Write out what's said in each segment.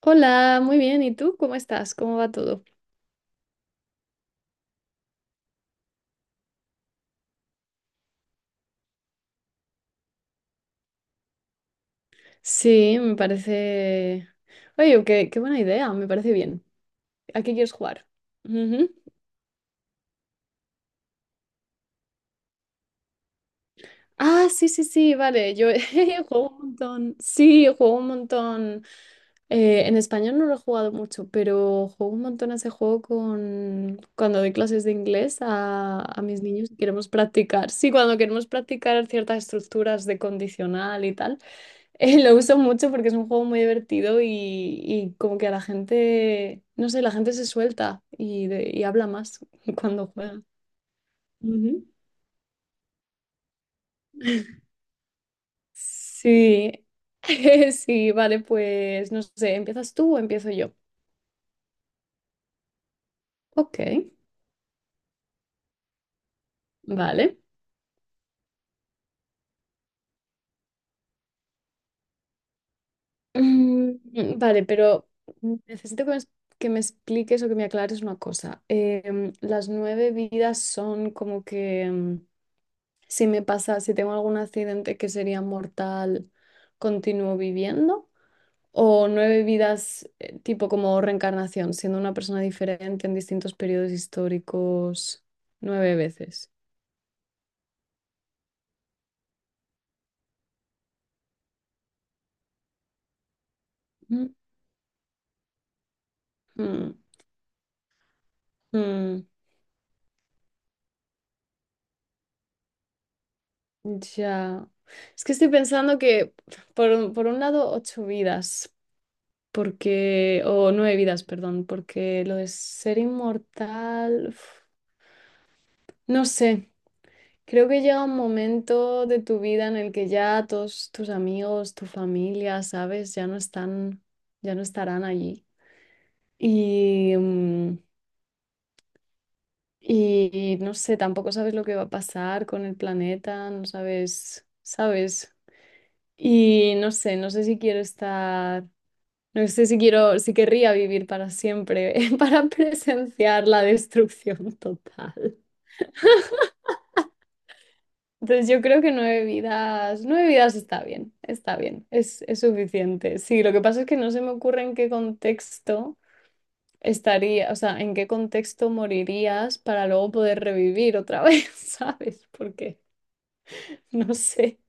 Hola, muy bien. ¿Y tú cómo estás? ¿Cómo va todo? Sí, me parece... Oye, qué buena idea, me parece bien. ¿A qué quieres jugar? Ujú. Ah, sí, sí, sí, vale. Yo juego un montón. Sí, juego un montón. En español no lo he jugado mucho, pero juego un montón a ese juego con... cuando doy clases de inglés a mis niños y queremos practicar. Sí, cuando queremos practicar ciertas estructuras de condicional y tal. Lo uso mucho porque es un juego muy divertido y como que a la gente, no sé, la gente se suelta y y habla más cuando juega. Ujú. Sí, sí, vale, pues no sé, ¿empiezas tú o empiezo yo? Ok, vale. Vale, pero necesito que me, es- que me expliques o que me aclares una cosa. Las nueve vidas son como que... si me pasa, si tengo algún accidente que sería mortal, continúo viviendo. O nueve vidas, tipo como reencarnación, siendo una persona diferente en distintos periodos históricos, nueve veces. Mm, mm, mm, ya. Es que estoy pensando que, por un lado, ocho vidas, porque, o nueve vidas, perdón, porque lo de ser inmortal, uf, no sé. Creo que llega un momento de tu vida en el que ya todos tus amigos, tu familia, sabes, ya no están, ya no estarán allí. Y, y no sé, tampoco sabes lo que va a pasar con el planeta, no sabes, sabes. Y no sé, no sé si quiero estar, no sé si quiero, si querría vivir para siempre, para presenciar la destrucción total. Entonces yo creo que nueve vidas está bien, es suficiente. Sí, lo que pasa es que no se me ocurre en qué contexto estaría, o sea, en qué contexto morirías para luego poder revivir otra vez, ¿sabes? Porque no sé,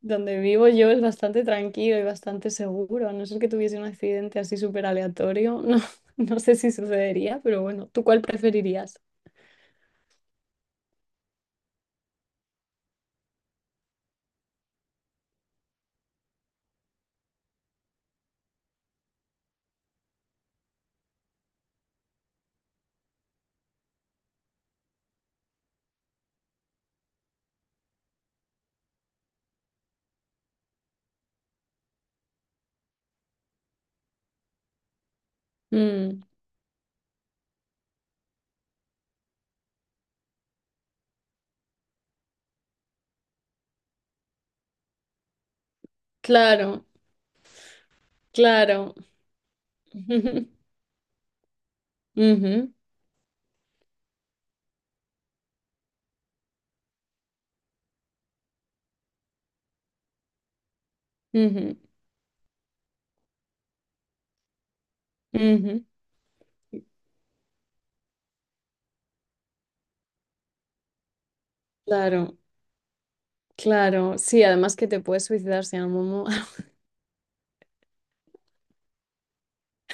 donde vivo yo es bastante tranquilo y bastante seguro, a no ser que tuviese un accidente así súper aleatorio, no, no sé si sucedería, pero bueno, ¿tú cuál preferirías? Mm, claro, claro. Ujú, ujú, ujú. Claro, claro. Sí, además que te puedes suicidar si en algún, mo-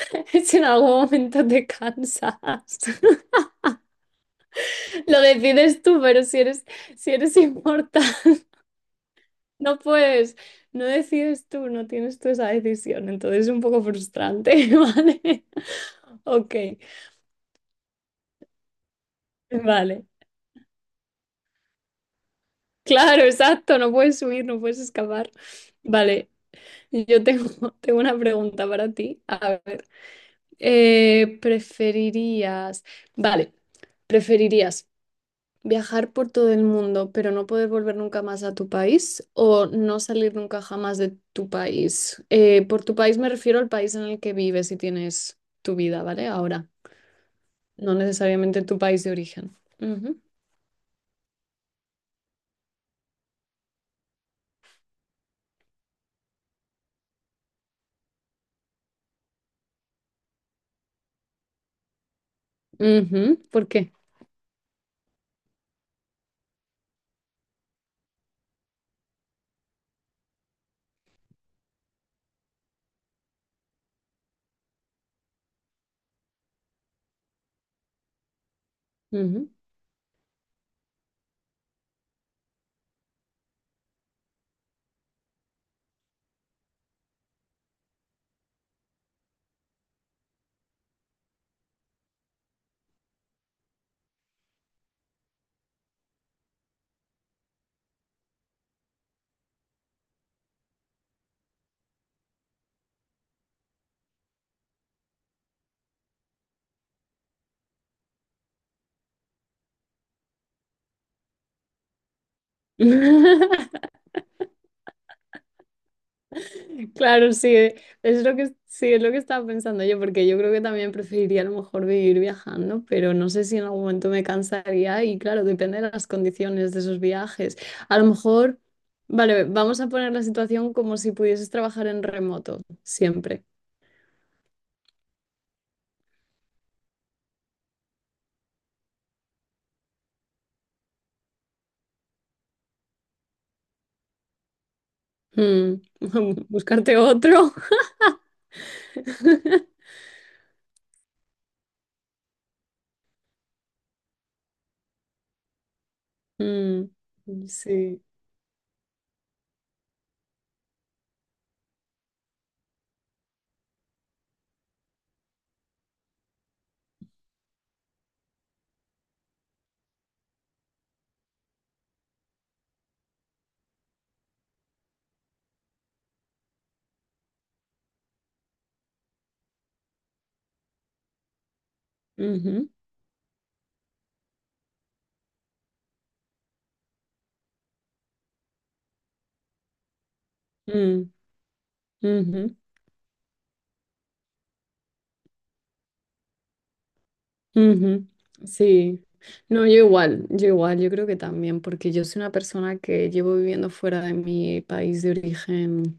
si en algún momento te cansas. Lo decides tú, pero si eres, si eres inmortal, no puedes, no decides tú, no tienes tú esa decisión. Entonces es un poco frustrante, ¿vale? Ok, vale. Claro, exacto, no puedes huir, no puedes escapar. Vale, yo tengo, tengo una pregunta para ti. A ver. Preferirías, vale, preferirías viajar por todo el mundo, pero no poder volver nunca más a tu país o no salir nunca jamás de tu país. Por tu país me refiero al país en el que vives y tienes tu vida, ¿vale? Ahora, no necesariamente tu país de origen. Ujú. Ujú. ¿Por qué? Ujú. Claro, sí, es lo que, sí, es lo que estaba pensando yo, porque yo creo que también preferiría a lo mejor vivir viajando, pero no sé si en algún momento me cansaría y claro, depende de las condiciones de esos viajes. A lo mejor, vale, vamos a poner la situación como si pudieses trabajar en remoto, siempre. Mm, buscarte otro. Mm, sí. Ujú, mm, ujú. Ujú, sí, no, yo igual, yo igual, yo creo que también, porque yo soy una persona que llevo viviendo fuera de mi país de origen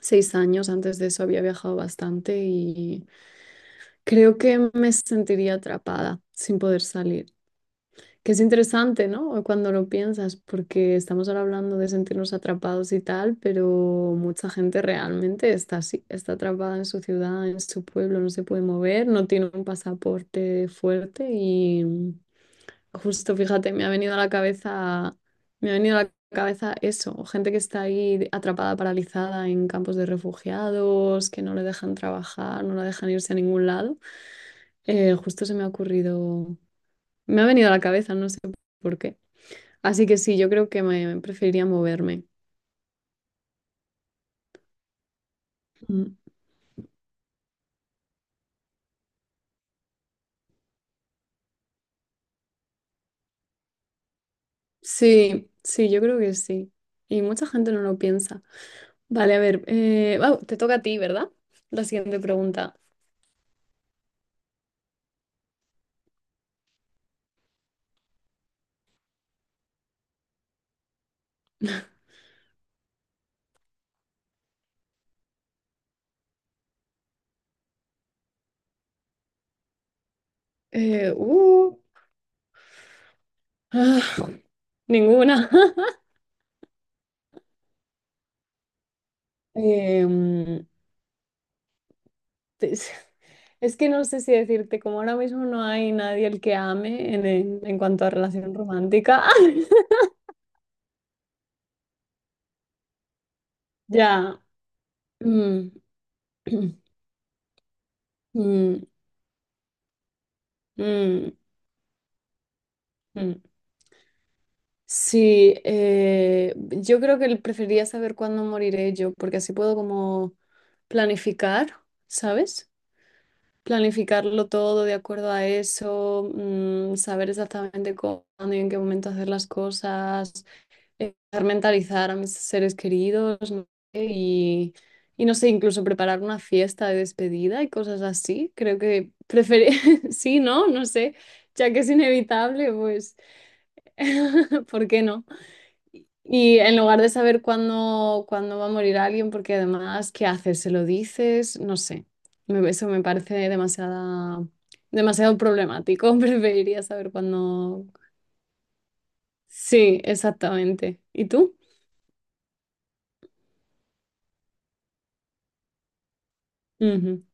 6 años, antes de eso había viajado bastante y creo que me sentiría atrapada sin poder salir, que es interesante, ¿no? Cuando lo piensas, porque estamos ahora hablando de sentirnos atrapados y tal, pero mucha gente realmente está así, está atrapada en su ciudad, en su pueblo, no se puede mover, no tiene un pasaporte fuerte y... Justo, fíjate, me ha venido a la cabeza, me ha venido a la cabeza eso, o gente que está ahí atrapada, paralizada en campos de refugiados, que no le dejan trabajar, no la dejan irse a ningún lado. Justo se me ha ocurrido, me ha venido a la cabeza, no sé por qué. Así que sí, yo creo que me preferiría moverme. Mm. Sí, sí, yo creo que sí. Y mucha gente no lo piensa. Vale, a ver, wow, te toca a ti, ¿verdad? La siguiente pregunta. Eh, uh, ah, ninguna. Em, es, es que no sé si decirte, como ahora mismo no hay nadie el que ame en cuanto a relación romántica. Ya. Mm, mm, mm, mm. Sí, yo creo que preferiría saber cuándo moriré yo, porque así puedo como planificar, ¿sabes? Planificarlo todo de acuerdo a eso, mm, saber exactamente cuándo y en qué momento hacer las cosas. eh, Mentalizar a mis seres queridos, no sé, y no sé, incluso preparar una fiesta de despedida y cosas así. Creo que preferir, sí, ¿no? No sé, ya que es inevitable, pues, ¿por qué no? Y en lugar de saber cuándo, cuándo va a morir alguien, porque además, ¿qué haces? ¿Se lo dices? No sé. Eso me parece demasiada, demasiado problemático. Preferiría saber cuándo. Sí, exactamente. ¿Y tú? Ujú.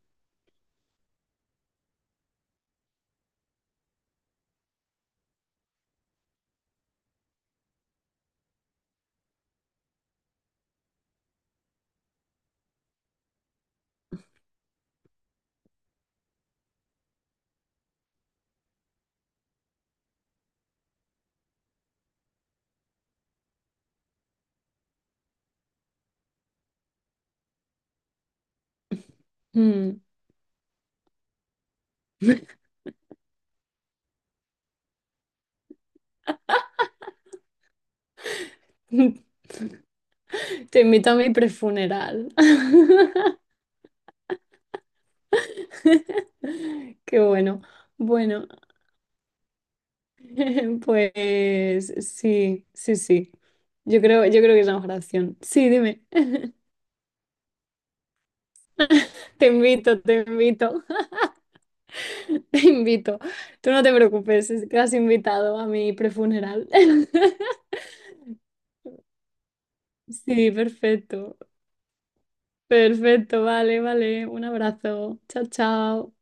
Mm. Te invito a mi prefuneral. Qué bueno. Bueno, pues sí, sí, sí. Yo creo que es la mejor opción. Sí, dime. Te invito, te invito. Tú no te preocupes, es que has invitado a mi prefuneral. Sí, perfecto. Perfecto, vale, vale. Un abrazo. Chao, chao.